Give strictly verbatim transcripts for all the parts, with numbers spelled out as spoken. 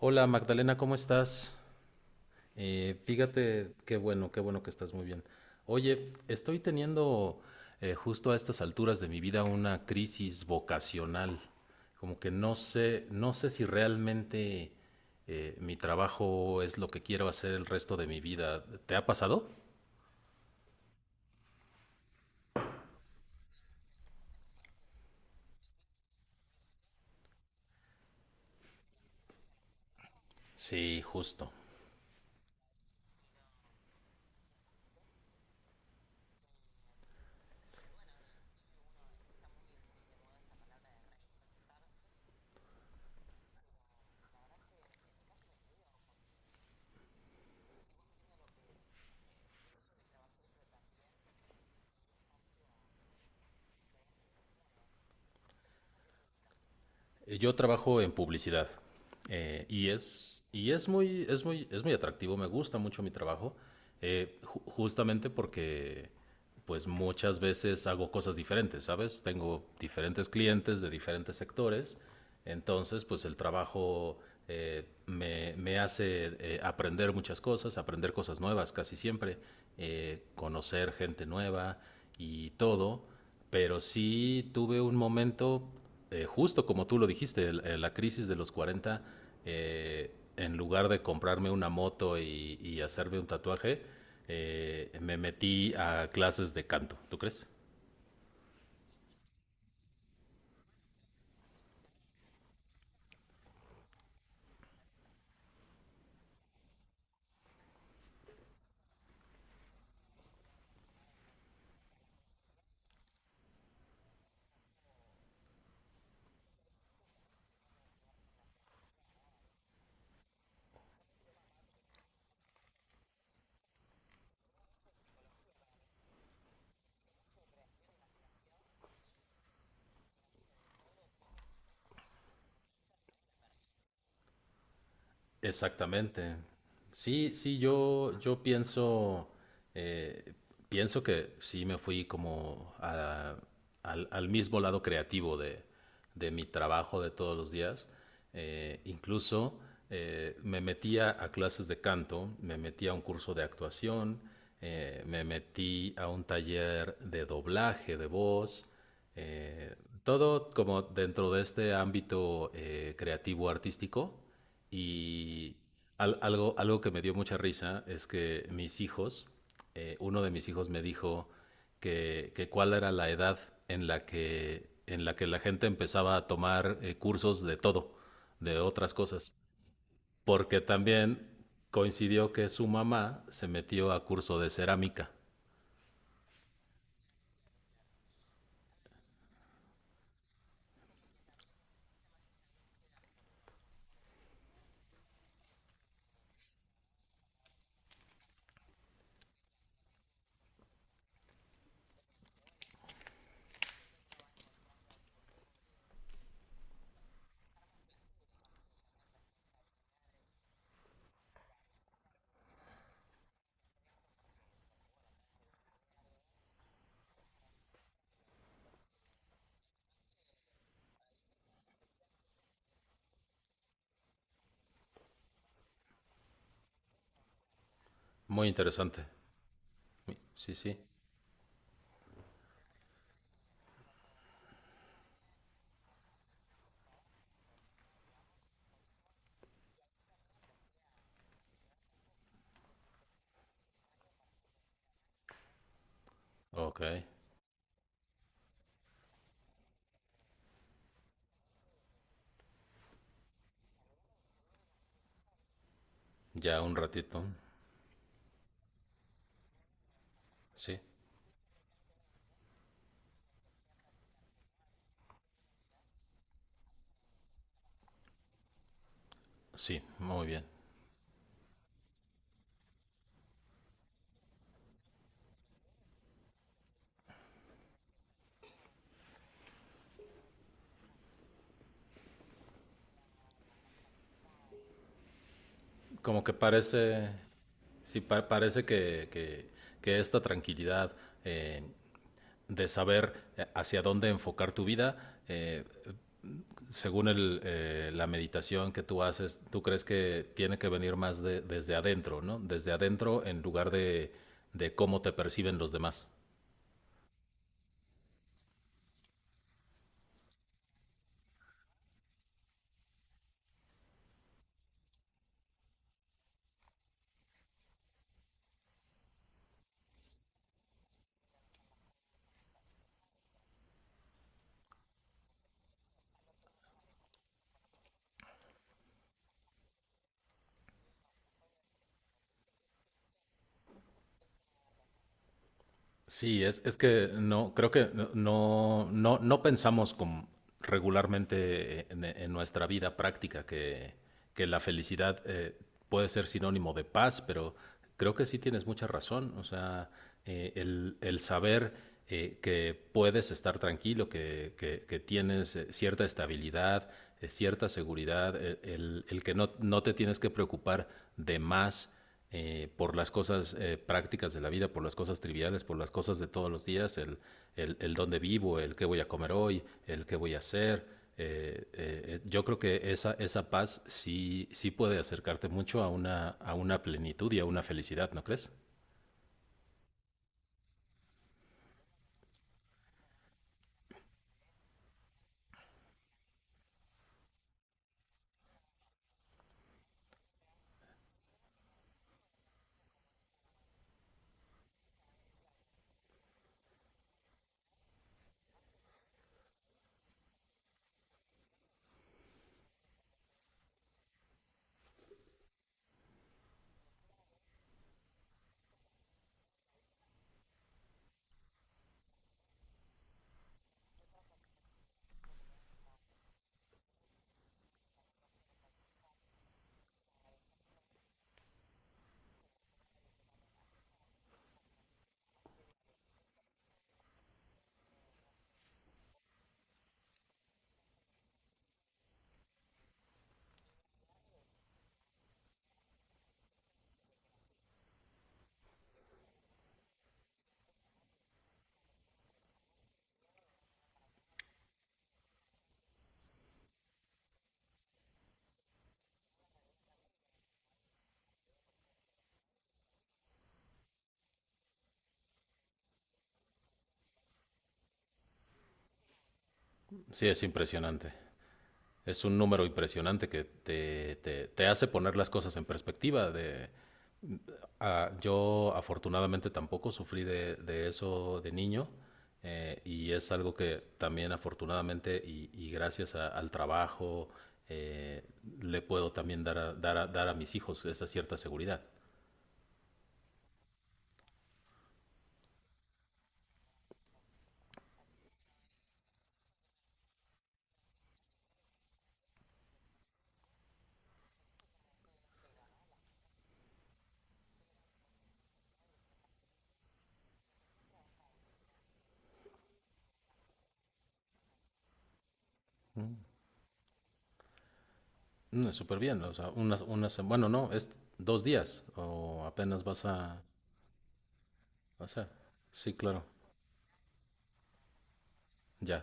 Hola, Magdalena, ¿cómo estás? Eh, fíjate, qué bueno, qué bueno que estás muy bien. Oye, estoy teniendo eh, justo a estas alturas de mi vida una crisis vocacional, como que no sé, no sé si realmente eh, mi trabajo es lo que quiero hacer el resto de mi vida. ¿Te ha pasado? Sí, justo. Eh, Yo trabajo en publicidad, eh, y es, y es muy, es muy, es muy atractivo, me gusta mucho mi trabajo, eh, ju- justamente porque pues muchas veces hago cosas diferentes, ¿sabes? Tengo diferentes clientes de diferentes sectores, entonces pues el trabajo eh, me, me hace eh, aprender muchas cosas, aprender cosas nuevas casi siempre, eh, conocer gente nueva y todo, pero sí tuve un momento, eh, justo como tú lo dijiste, el- eh, la crisis de los cuarenta. Eh, en lugar de comprarme una moto y, y hacerme un tatuaje, eh, me metí a clases de canto, ¿tú crees? Exactamente. Sí, sí, yo, yo pienso, eh, pienso que sí me fui como a- al, al mismo lado creativo de, de mi trabajo de todos los días. Eh, incluso eh, me metía a clases de canto, me metí a un curso de actuación, eh, me metí a un taller de doblaje de voz, eh, todo como dentro de este ámbito eh, creativo artístico, y al- algo, algo que me dio mucha risa es que mis hijos, eh, uno de mis hijos me dijo que, que cuál era la edad en la que, en la que la gente empezaba a tomar eh, cursos de todo, de otras cosas, porque también coincidió que su mamá se metió a curso de cerámica. Muy interesante. Sí, sí. Ok. Ya un ratito. Sí, sí, muy bien. Como que parece, sí, pa- parece que, que- que esta tranquilidad eh, de saber eh, hacia dónde enfocar tu vida, eh, según el, eh, la meditación que tú haces, tú crees que tiene que venir más de- desde adentro, ¿no? Desde adentro en lugar de, de cómo te perciben los demás. Sí, es, es que no, creo que no, no, no no pensamos como regularmente eh, en, en nuestra vida práctica que, que la felicidad eh, puede ser sinónimo de paz, pero creo que sí tienes mucha razón. O sea, eh, el, el saber eh, que puedes estar tranquilo, que, que, que tienes eh, cierta estabilidad, eh, cierta seguridad, eh, el, el que no, no te tienes que preocupar de más, eh, por las cosas eh, prácticas de la vida, por las cosas triviales, por las cosas de todos los días, el, el, el dónde vivo, el qué voy a comer hoy, el qué voy a hacer. Eh, eh, yo creo que esa, esa paz sí, sí puede acercarte mucho a una, a una plenitud y a una felicidad, ¿no crees? Sí, es impresionante. Es un número impresionante que te, te, te hace poner las cosas en perspectiva de, ah, yo afortunadamente tampoco sufrí de, de eso de niño, eh, y es algo que también afortunadamente y, y gracias a- al trabajo eh, le puedo también dar a, dar a, dar a mis hijos esa cierta seguridad. Mm, súper bien, o sea, unas, unas, bueno, no, es dos días o apenas vas a, o sea, sí, claro, ya.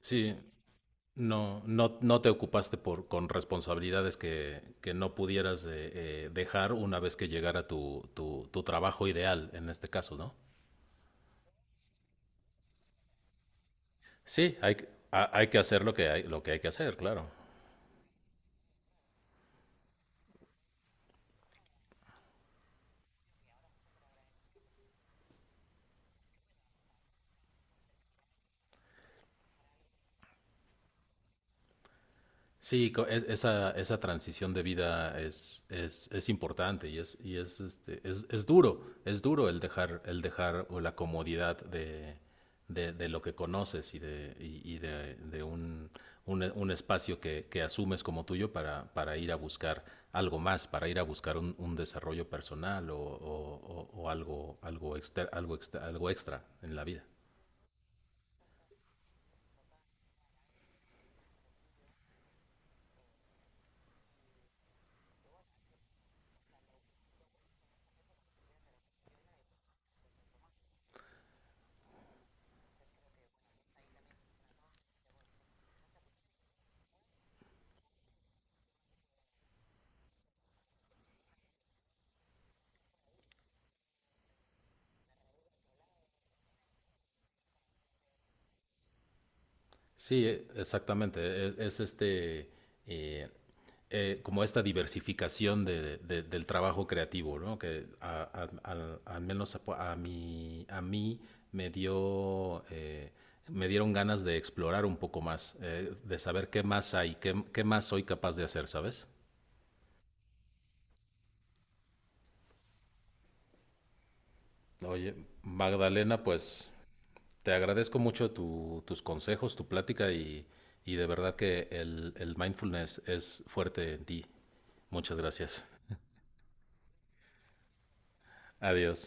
Sí, no, no, no te ocupaste por, con responsabilidades que, que no pudieras eh, eh, dejar una vez que llegara tu, tu, tu trabajo ideal, en este caso, ¿no? Sí, hay, que- ha- hay que hacer lo que hay, lo que hay que hacer, claro. Sí, co- es- esa, esa transición de vida es, es, es importante y es, y es, este, es, es duro, es duro el dejar, el dejar o la comodidad de, de, de lo que conoces y de, y, y de, de un, un, un espacio que, que asumes como tuyo para, para ir a buscar algo más, para ir a buscar un, un desarrollo personal o, o, o- o algo, algo, exter- algo, extra, algo extra en la vida. Sí, e- exactamente. Es, es este, eh, eh, como esta diversificación de- de- del trabajo creativo, ¿no? Que a- a- al, al menos a, a mí, a mí me dio, eh, me dieron ganas de explorar un poco más, eh, de saber qué más hay, qué, qué más soy capaz de hacer, ¿sabes? Oye, Magdalena, pues te agradezco mucho tu- tus consejos, tu plática y, y de verdad que el, el mindfulness es fuerte en ti. Muchas gracias. Adiós.